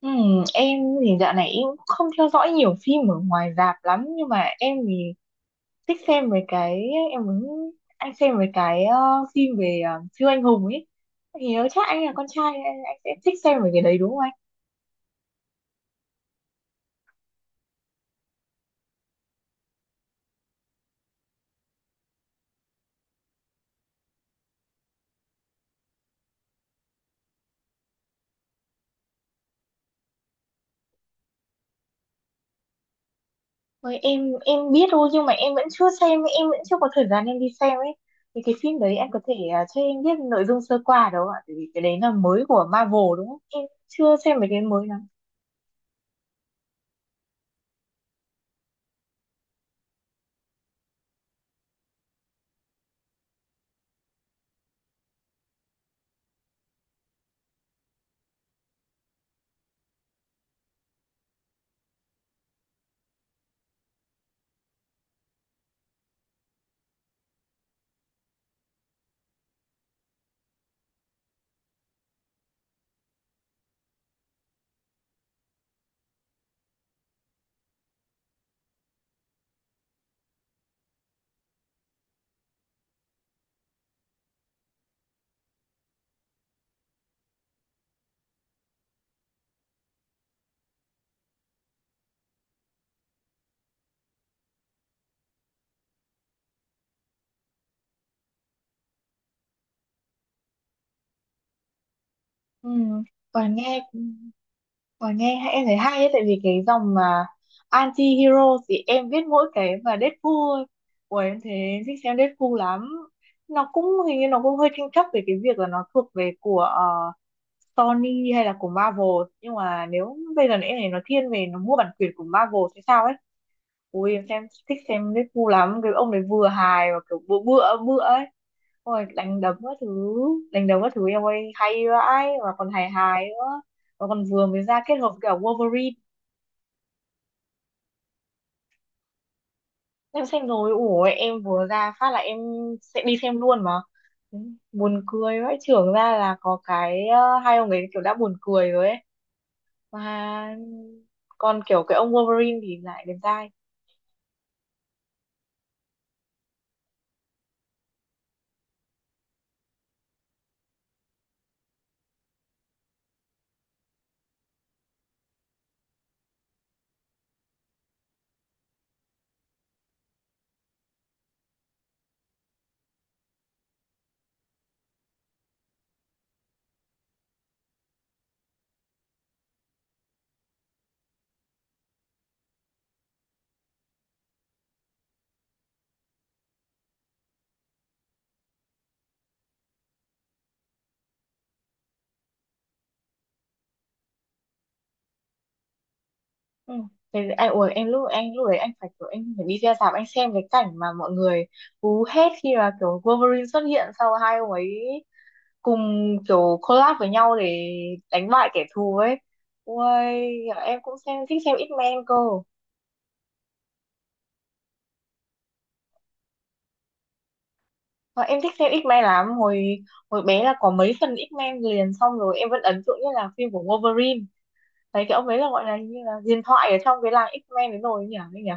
Em thì dạo này em cũng không theo dõi nhiều phim ở ngoài rạp lắm, nhưng mà em thì thích xem về cái, em muốn anh xem về cái phim về siêu anh hùng ấy. Thì nếu chắc anh là con trai anh sẽ thích xem về cái đấy đúng không anh? Ôi, em biết thôi, nhưng mà em vẫn chưa xem, em vẫn chưa có thời gian em đi xem ấy. Thì cái phim đấy anh có thể cho em biết nội dung sơ qua được không ạ? Tại vì cái đấy là mới của Marvel đúng không? Em chưa xem về cái mới lắm. Ừm, còn nghe Và em thấy hay ấy, tại vì cái dòng mà anti-hero thì em biết mỗi cái mà Deadpool thôi. Ủa em thấy em thích xem Deadpool lắm. Nó cũng hình như nó cũng hơi tranh chấp về cái việc là nó thuộc về của Sony hay là của Marvel, nhưng mà nếu bây giờ em thấy nó thiên về nó mua bản quyền của Marvel hay sao ấy. Ui em xem thích xem Deadpool ngu lắm. Cái ông đấy vừa hài và kiểu bựa bựa bựa ấy. Ôi đánh đấm các thứ. Đánh đấm các thứ em ơi, hay vãi mà còn hài hài nữa, mà còn vừa mới ra kết hợp cả Wolverine. Em xem rồi, ủa em vừa ra phát là em sẽ đi xem luôn mà. Buồn cười vãi. Trưởng ra là có cái hai ông ấy kiểu đã buồn cười rồi ấy. Mà còn kiểu cái ông Wolverine thì lại đẹp trai. Ừ. Thế anh ủa em lúc đấy anh phải kiểu anh phải đi ra rạp anh xem cái cảnh mà mọi người hú hét khi mà kiểu Wolverine xuất hiện, sau hai ông ấy cùng kiểu collab với nhau để đánh bại kẻ thù ấy. Ui em cũng thích xem X-Men cơ. Và em thích xem X-Men lắm, hồi hồi bé là có mấy phần X-Men liền, xong rồi em vẫn ấn tượng nhất là phim của Wolverine. Thấy cái ông ấy là gọi là như là huyền thoại ở trong cái làng X-Men đấy rồi ấy nhỉ.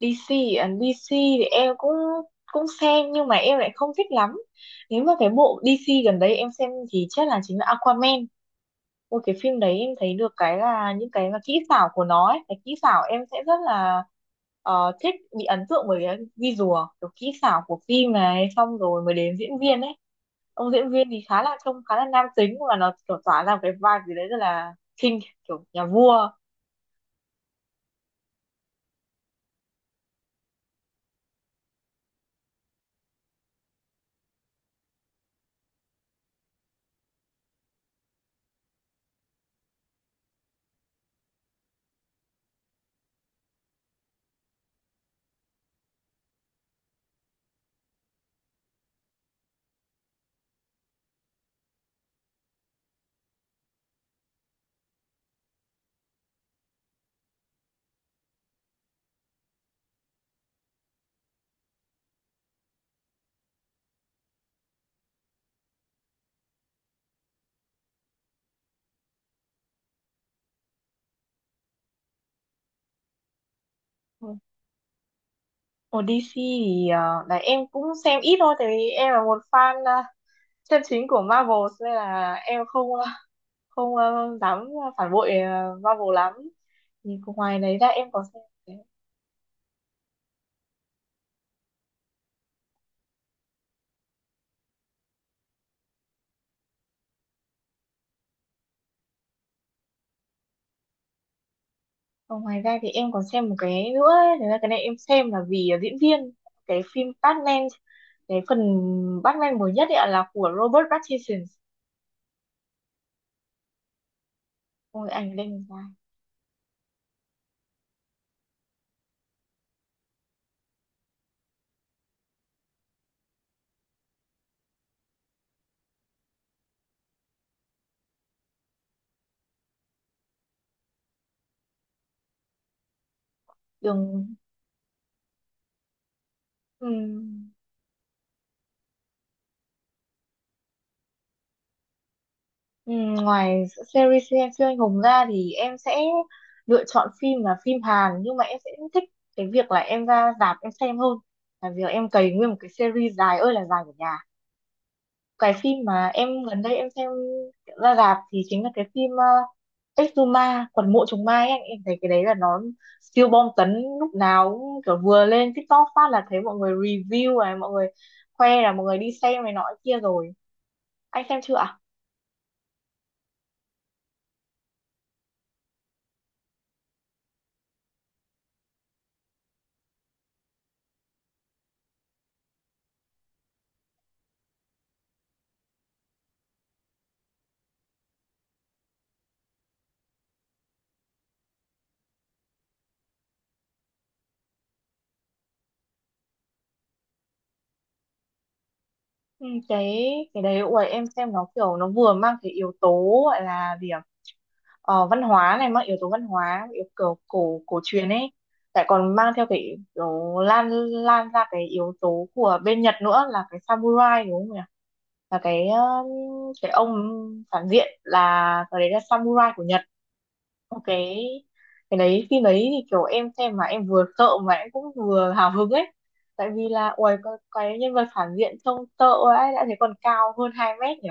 DC, à, DC thì em cũng cũng xem nhưng mà em lại không thích lắm. Nếu mà cái bộ DC gần đây em xem thì chắc là chính là Aquaman. Một cái phim đấy em thấy được cái là những cái mà kỹ xảo của nó ấy. Cái kỹ xảo em sẽ rất là thích, bị ấn tượng bởi cái visual kiểu kỹ xảo của phim này, xong rồi mới đến diễn viên ấy. Ông diễn viên thì khá là trông khá là nam tính, và nó kiểu tỏa ra một cái vibe gì đấy rất là king, kiểu nhà vua. Ồ, DC thì là em cũng xem ít thôi, tại vì em là một fan chân chính của Marvel, nên là em không không ờ, dám phản bội Marvel lắm. Nhưng ngoài đấy ra em còn xem còn ngoài ra thì em còn xem một cái nữa ấy. Thật ra cái này em xem là vì diễn viên cái phim Batman, cái phần Batman mới nhất ấy ạ, là của Robert Pattinson. Ôi anh lên dài đường. Ừ, ngoài series siêu siêu anh hùng ra thì em sẽ lựa chọn phim là phim Hàn, nhưng mà em sẽ thích cái việc là em ra rạp em xem hơn là việc em cày nguyên một cái series dài ơi là dài của nhà. Cái phim mà em gần đây em xem ra rạp thì chính là cái phim Exuma quần mộ trùng mai ấy. Anh em thấy cái đấy là nó siêu bom tấn, lúc nào cũng kiểu vừa lên TikTok phát là thấy mọi người review này, mọi người khoe là mọi người đi xem này nọ kia rồi. Anh xem chưa ạ? Ừ, cái đấy ủa em xem nó kiểu nó vừa mang cái yếu tố gọi là gì ạ, văn hóa này, mang yếu tố văn hóa yếu kiểu cổ cổ truyền ấy, lại còn mang theo cái kiểu lan lan ra cái yếu tố của bên Nhật nữa là cái samurai đúng không nhỉ, là cái ông phản diện là cái đấy là samurai của Nhật. Một Cái đấy phim đấy thì kiểu em xem mà em vừa sợ mà em cũng vừa hào hứng ấy, tại vì là uầy cái nhân vật phản diện trông sợ ấy đã thấy, còn cao hơn 2 mét nhỉ.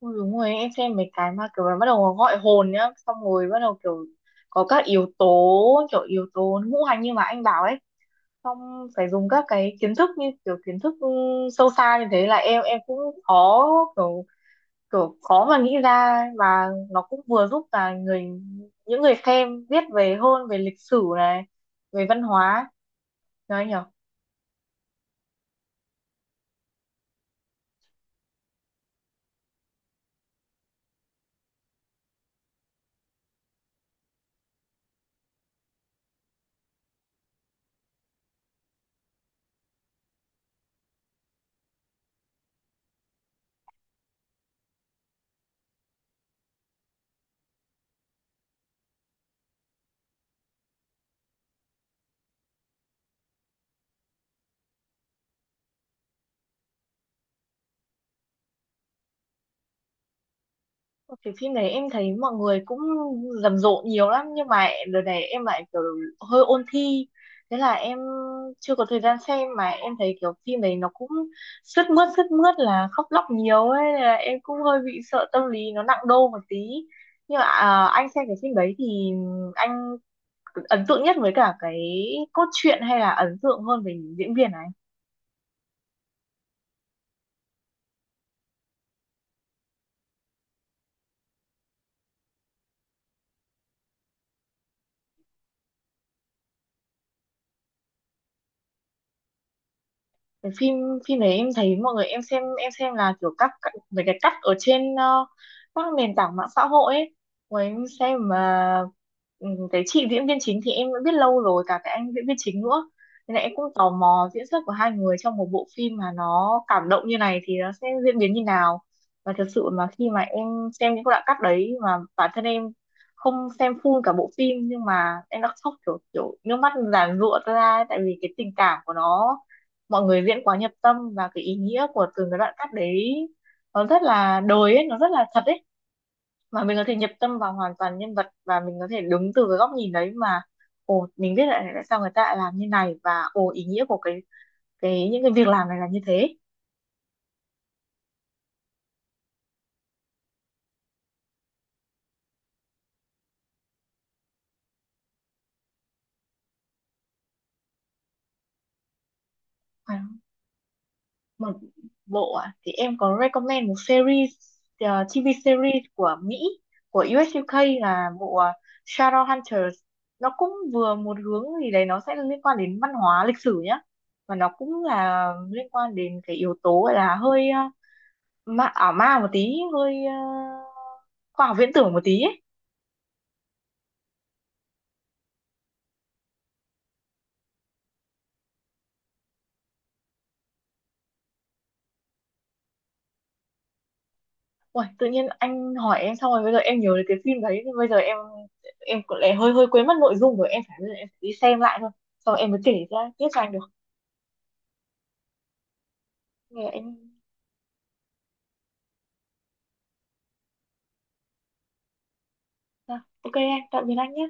Ui, đúng rồi em xem mấy cái mà kiểu là bắt đầu gọi hồn nhá, xong rồi bắt đầu kiểu có các yếu tố kiểu yếu tố ngũ hành như mà anh bảo ấy. Xong phải dùng các cái kiến thức như kiểu kiến thức sâu xa như thế là em cũng khó, kiểu kiểu khó mà nghĩ ra, và nó cũng vừa giúp là những người xem biết về hơn về lịch sử này, về văn hóa, nói nhỉ. Thì phim này em thấy mọi người cũng rầm rộ nhiều lắm, nhưng mà đợt này em lại kiểu hơi ôn thi, thế là em chưa có thời gian xem. Mà em thấy kiểu phim này nó cũng sướt mướt, sướt mướt là khóc lóc nhiều ấy, nên là em cũng hơi bị sợ tâm lý nó nặng đô một tí. Nhưng mà anh xem cái phim đấy thì anh ấn tượng nhất với cả cái cốt truyện, hay là ấn tượng hơn về những diễn viên ấy? Cái phim Phim đấy em thấy mọi người, em xem là kiểu mấy cái cắt ở trên các nền tảng mạng xã hội ấy. Rồi em xem mà, ừ, cái chị diễn viên chính thì em đã biết lâu rồi, cả cái anh diễn viên chính nữa, nên là em cũng tò mò diễn xuất của hai người trong một bộ phim mà nó cảm động như này thì nó sẽ diễn biến như nào. Và thật sự mà khi mà em xem những cái đoạn cắt đấy, mà bản thân em không xem full cả bộ phim, nhưng mà em đã khóc kiểu kiểu nước mắt giàn giụa ra ấy, tại vì cái tình cảm của nó, mọi người diễn quá nhập tâm, và cái ý nghĩa của từng cái đoạn cắt đấy nó rất là đời ấy, nó rất là thật ấy. Mà mình có thể nhập tâm vào hoàn toàn nhân vật, và mình có thể đứng từ cái góc nhìn đấy mà ồ mình biết lại tại sao người ta lại làm như này, và ồ ý nghĩa của cái những cái việc làm này là như thế. Một bộ à, thì em có recommend một series TV series của Mỹ, của US UK, là bộ Shadowhunters. Nó cũng vừa một hướng gì đấy nó sẽ liên quan đến văn hóa lịch sử nhá, và nó cũng là liên quan đến cái yếu tố gọi là hơi ma, ảo ma một tí, hơi khoa học viễn tưởng một tí ấy. Ui, tự nhiên anh hỏi em xong rồi bây giờ em nhớ đến cái phim đấy, thì bây giờ em cũng lại hơi hơi quên mất nội dung rồi, em phải bây giờ em phải đi xem lại thôi, sau em mới kể ra tiếp cho anh được. Rồi anh, à, ok anh, tạm biệt anh nhé.